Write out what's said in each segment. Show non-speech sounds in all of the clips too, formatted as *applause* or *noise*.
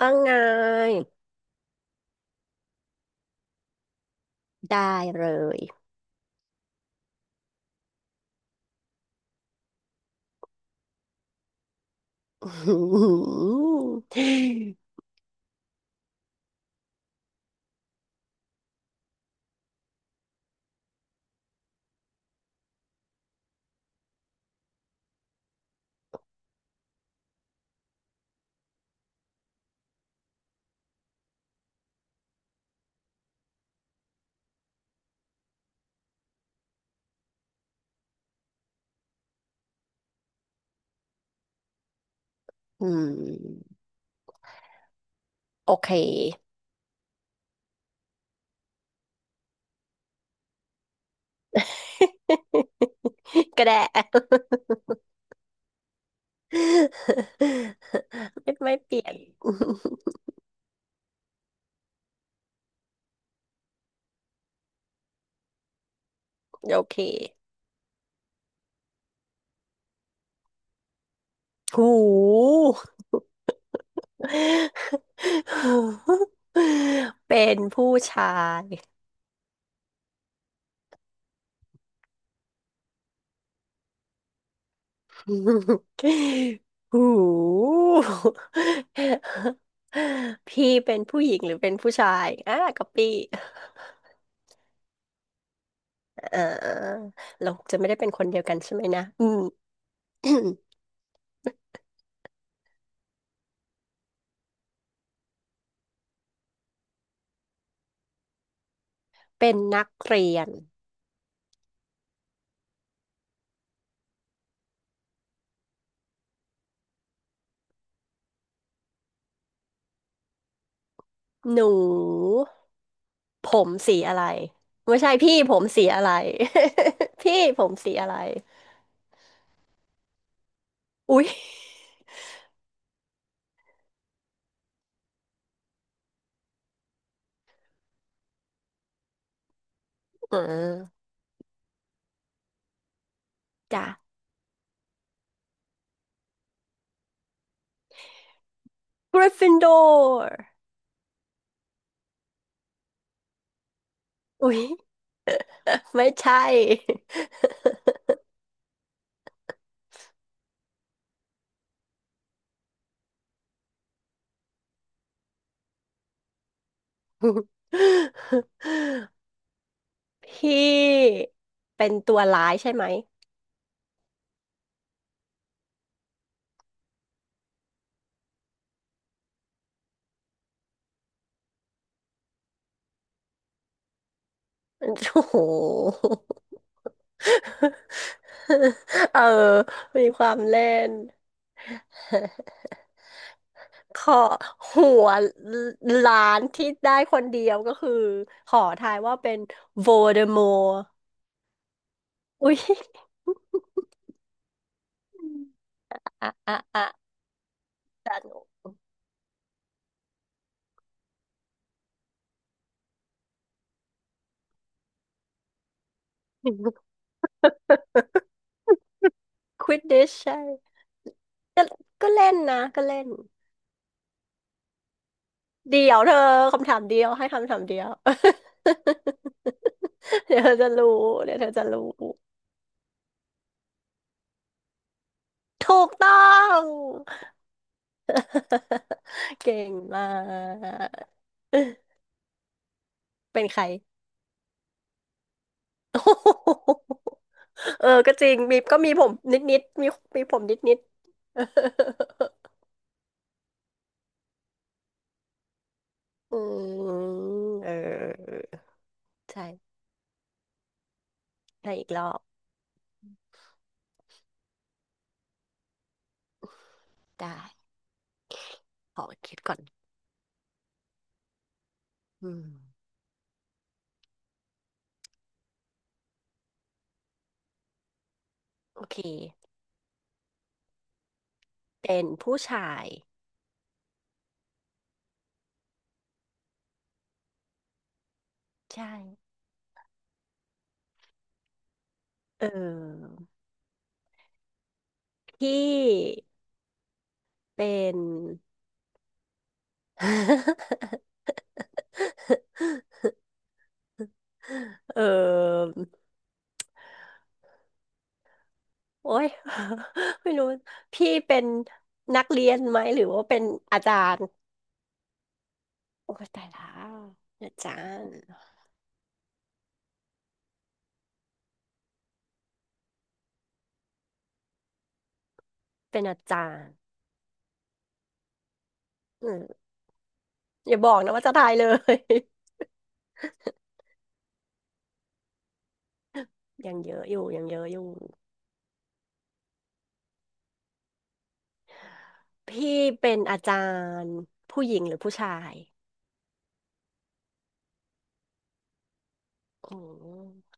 ว่าไงได้เลย *laughs* อืมอืมโอเค *laughs* ก็ได้ *laughs* ไม่ไม่เปลี่ยน *laughs* โอเคหู *laughs* หูเป็นผู้ชาย *laughs* หูพี่เป็นผู้หญิงหรือเป็นผู้ชายอ่ะก๊อปปี้ เออเราจะไม่ได้เป็นคนเดียวกันใช่ไหมนะอืม *coughs* เป็นนักเรียนหนูผมสีอะไรไม่ใช่พี่ผมสีอะไร *laughs* พี่ผมสีอะไรอุ๊ยเออจ้ะกริฟฟินดอร์อุ๊ยไม่ใช่ *laughs* พี่เป็นตัวร้ายใช่ไหมโอ้โห *laughs* เออมีความเล่น *laughs* ขอหัวล้านที่ได้คนเดียวก็คือขอทายว่าเป็นโวเดมอร์อุ้ย *laughs* อ่ะอ่ะอ่ะจาหนกควิดดิช *laughs* ใช่ก็ก็เล่นนะก็เล่นเดี๋ยวเธอคำถามเดียวให้คำถามเดียว *laughs* เดี๋ยวเธอจะรู้เดี๋ยวเธอจะรู้ถูกต้อง *laughs* เก่งมากเป็นใคร *laughs* โอ้โหเออก็จริงมีก็มีผมนิดนิดมีมีผมนิดนิด *laughs* อืมเออ ใช่ได้อีกรอบ ได้ ขอคิดก่อน อืม โอเค เป็นผู้ชาย ใช่ เออ พี่เป็น *laughs* เออ โอ๊ย *laughs* ไม่รู้ พี่เป็นนักเรียนไหมหรือว่าเป็นอาจารย์ โอ้ยตายแล้วอาจารย์เป็นอาจารย์อืมอย่าบอกนะว่าจะตายเลย *laughs* ยังเยอะอยู่ยังเยอะอยู่พี่เป็นอาจารย์ผู้หญิงหรือผู้ชายอืม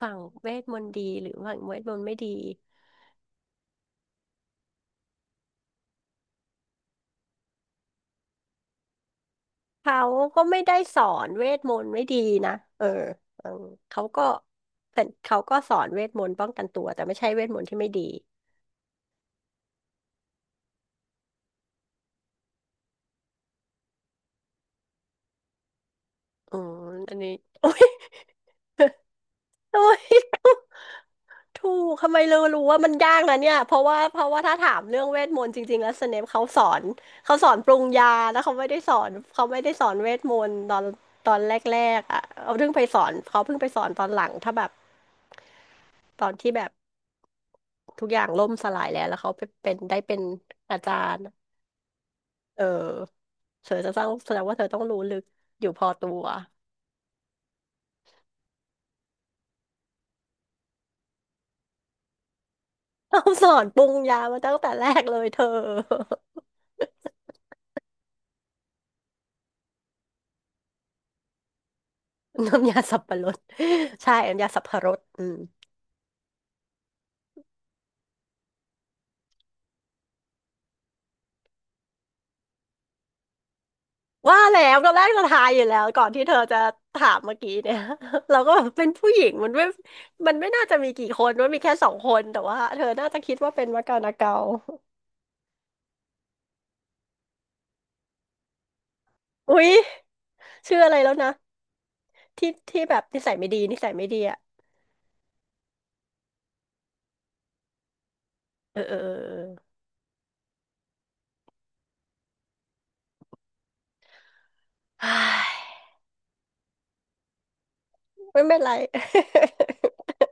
ฝั่งเวทมนต์ดีหรือฝั่งเวทมนต์ไม่ดีเขาก็ไม่ได้สอนเวทมนต์ไม่ดีนะเออเออเขาก็เขาก็สอนเวทมนต์ป้องกันตัวแต่ไม่ใช่เวทมนต์ที่ไม่ดีอืมอันนี้โอ้ย *laughs* โอ้ย ถูกทำไมเรารู้ว่ามันยากนะเนี่ยเพราะว่าถ้าถามเรื่องเวทมนต์จริงๆแล้วสเนปเขาสอนเขาสอนปรุงยาแล้วเขาไม่ได้สอนเขาไม่ได้สอนเวทมนต์ตอนแรกๆอ่ะเขาเพิ่งไปสอนเขาเพิ่งไปสอนตอนหลังถ้าแบบตอนที่แบบทุกอย่างล่มสลายแล้วแล้วเขาไปเป็นได้เป็นอาจารย์เออเธอจะต้องแสดงว่าเธอต้องรู้ลึกอยู่พอตัวเขาสอนปรุงยามาตั้งแต่แรกเลยเธอ *laughs* น้ำยาสับปะรดใช่น้ำยาสับปะรดอืม ว่าแล้วตอนแรกเราทายอยู่แล้วก่อนที่เธอจะถามเมื่อกี้เนี่ย *laughs* เราก็แบบเป็นผู้หญิงมันไม่น่าจะมีกี่คนมันมีแค่สองคนแต่ว่าเธอน่าจะคิดว่าเป็นมะกานาเกา *laughs* อุ๊ยชื่ออะไรแล้วนะที่ที่แบบนิสัยไม่ดีนิสัยไม่ดีอ่ะเออเออเออเออ *sighs* เฮ้ยไม่เป็นไร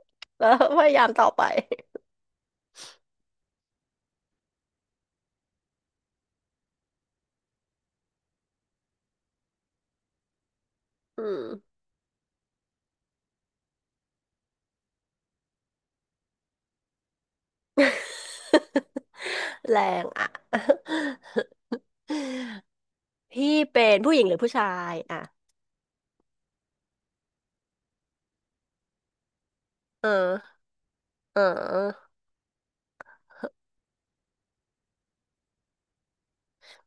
*laughs* แล้วพยายามต่อไปอืม *laughs* แรงอ่ะ *laughs* พี่เป็นผู้หญิงหรือผู้ชายอ่ะเออเออ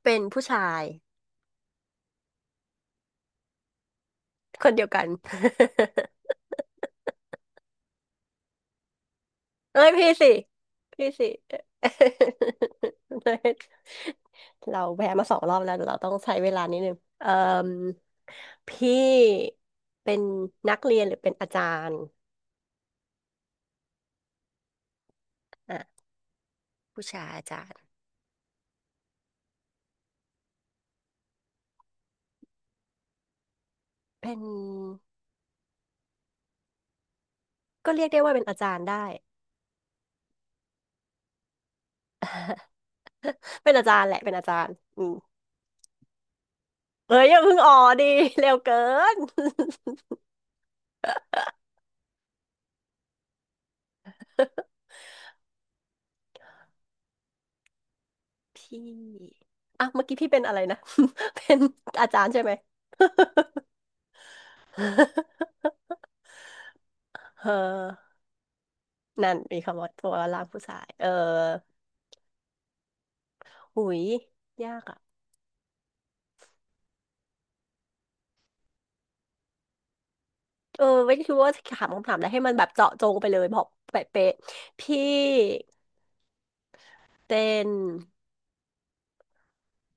เป็นผู้ชายคนเดียวกัน *laughs* เอ้ยพี่สิพี่สิ *laughs* เราแพ้มาสองรอบแล้วเดี๋ยวเราต้องใช้เวลานิดนึงเอ่มพี่เป็นนักเรียนหรือเป็นอาจารย์อ่ะผู้ชายอาจารย์เป็นก็เรียกได้ว่าเป็นอาจารย์ได้ *laughs* เป็นอาจารย์แหละเป็นอาจารย์อืมเอ้ยอย่าเพิ่งอ๋อดีเร็วเกิน *laughs* พี่อ่ะเมื่อกี้พี่เป็นอะไรนะ *laughs* เป็นอาจารย์ใช่ไหม *laughs* *laughs* เออนั่นมีคำว่าตัวร่างผู้ชายเออหุยยากอ่ะเออไม่ได้คิดว่าจะถามคำถามอะไรให้มันแบบเจาะจงไปเลยบอกเป๊ะๆพี่เป็น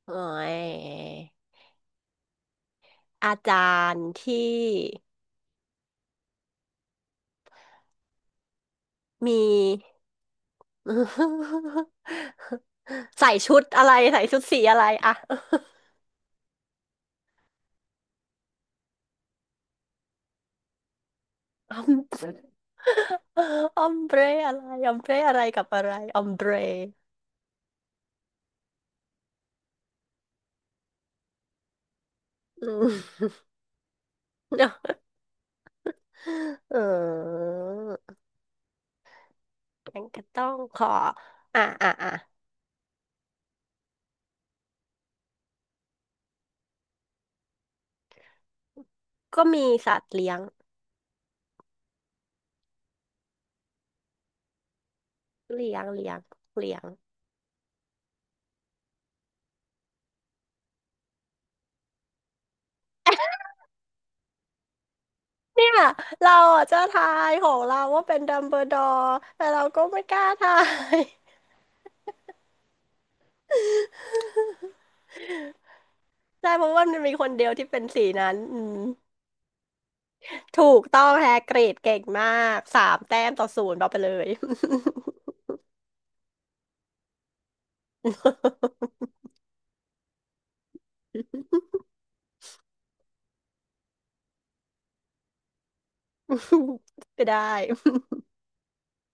เอ่อยอาจารย์ที่มี *laughs* ใส่ชุดอะไรใส่ชุดสีอะไรอะ *laughs* อมอมเบรอะไรอมเบรอะไรกับอะไรอมเบรอืม เอองั้นก็ต้องขออ่ะอ่ะอ่ะก็มีสัตว์เลี้ยง เลี้ยง เลี้ยงเลี้ยงเนี่ยเราอ่ะจะทายของเราว่าเป็นดัมเบิลดอร์แต่เราก็ไม่กล้าทาย *laughs* ใช่เพราะว่ามันมีคนเดียวที่เป็นสีนั้นอืมถูกต้องแฮกรีดเก่งมากสามแต้มต่อศูนย์เอาไปเลย *laughs* ไม่ได้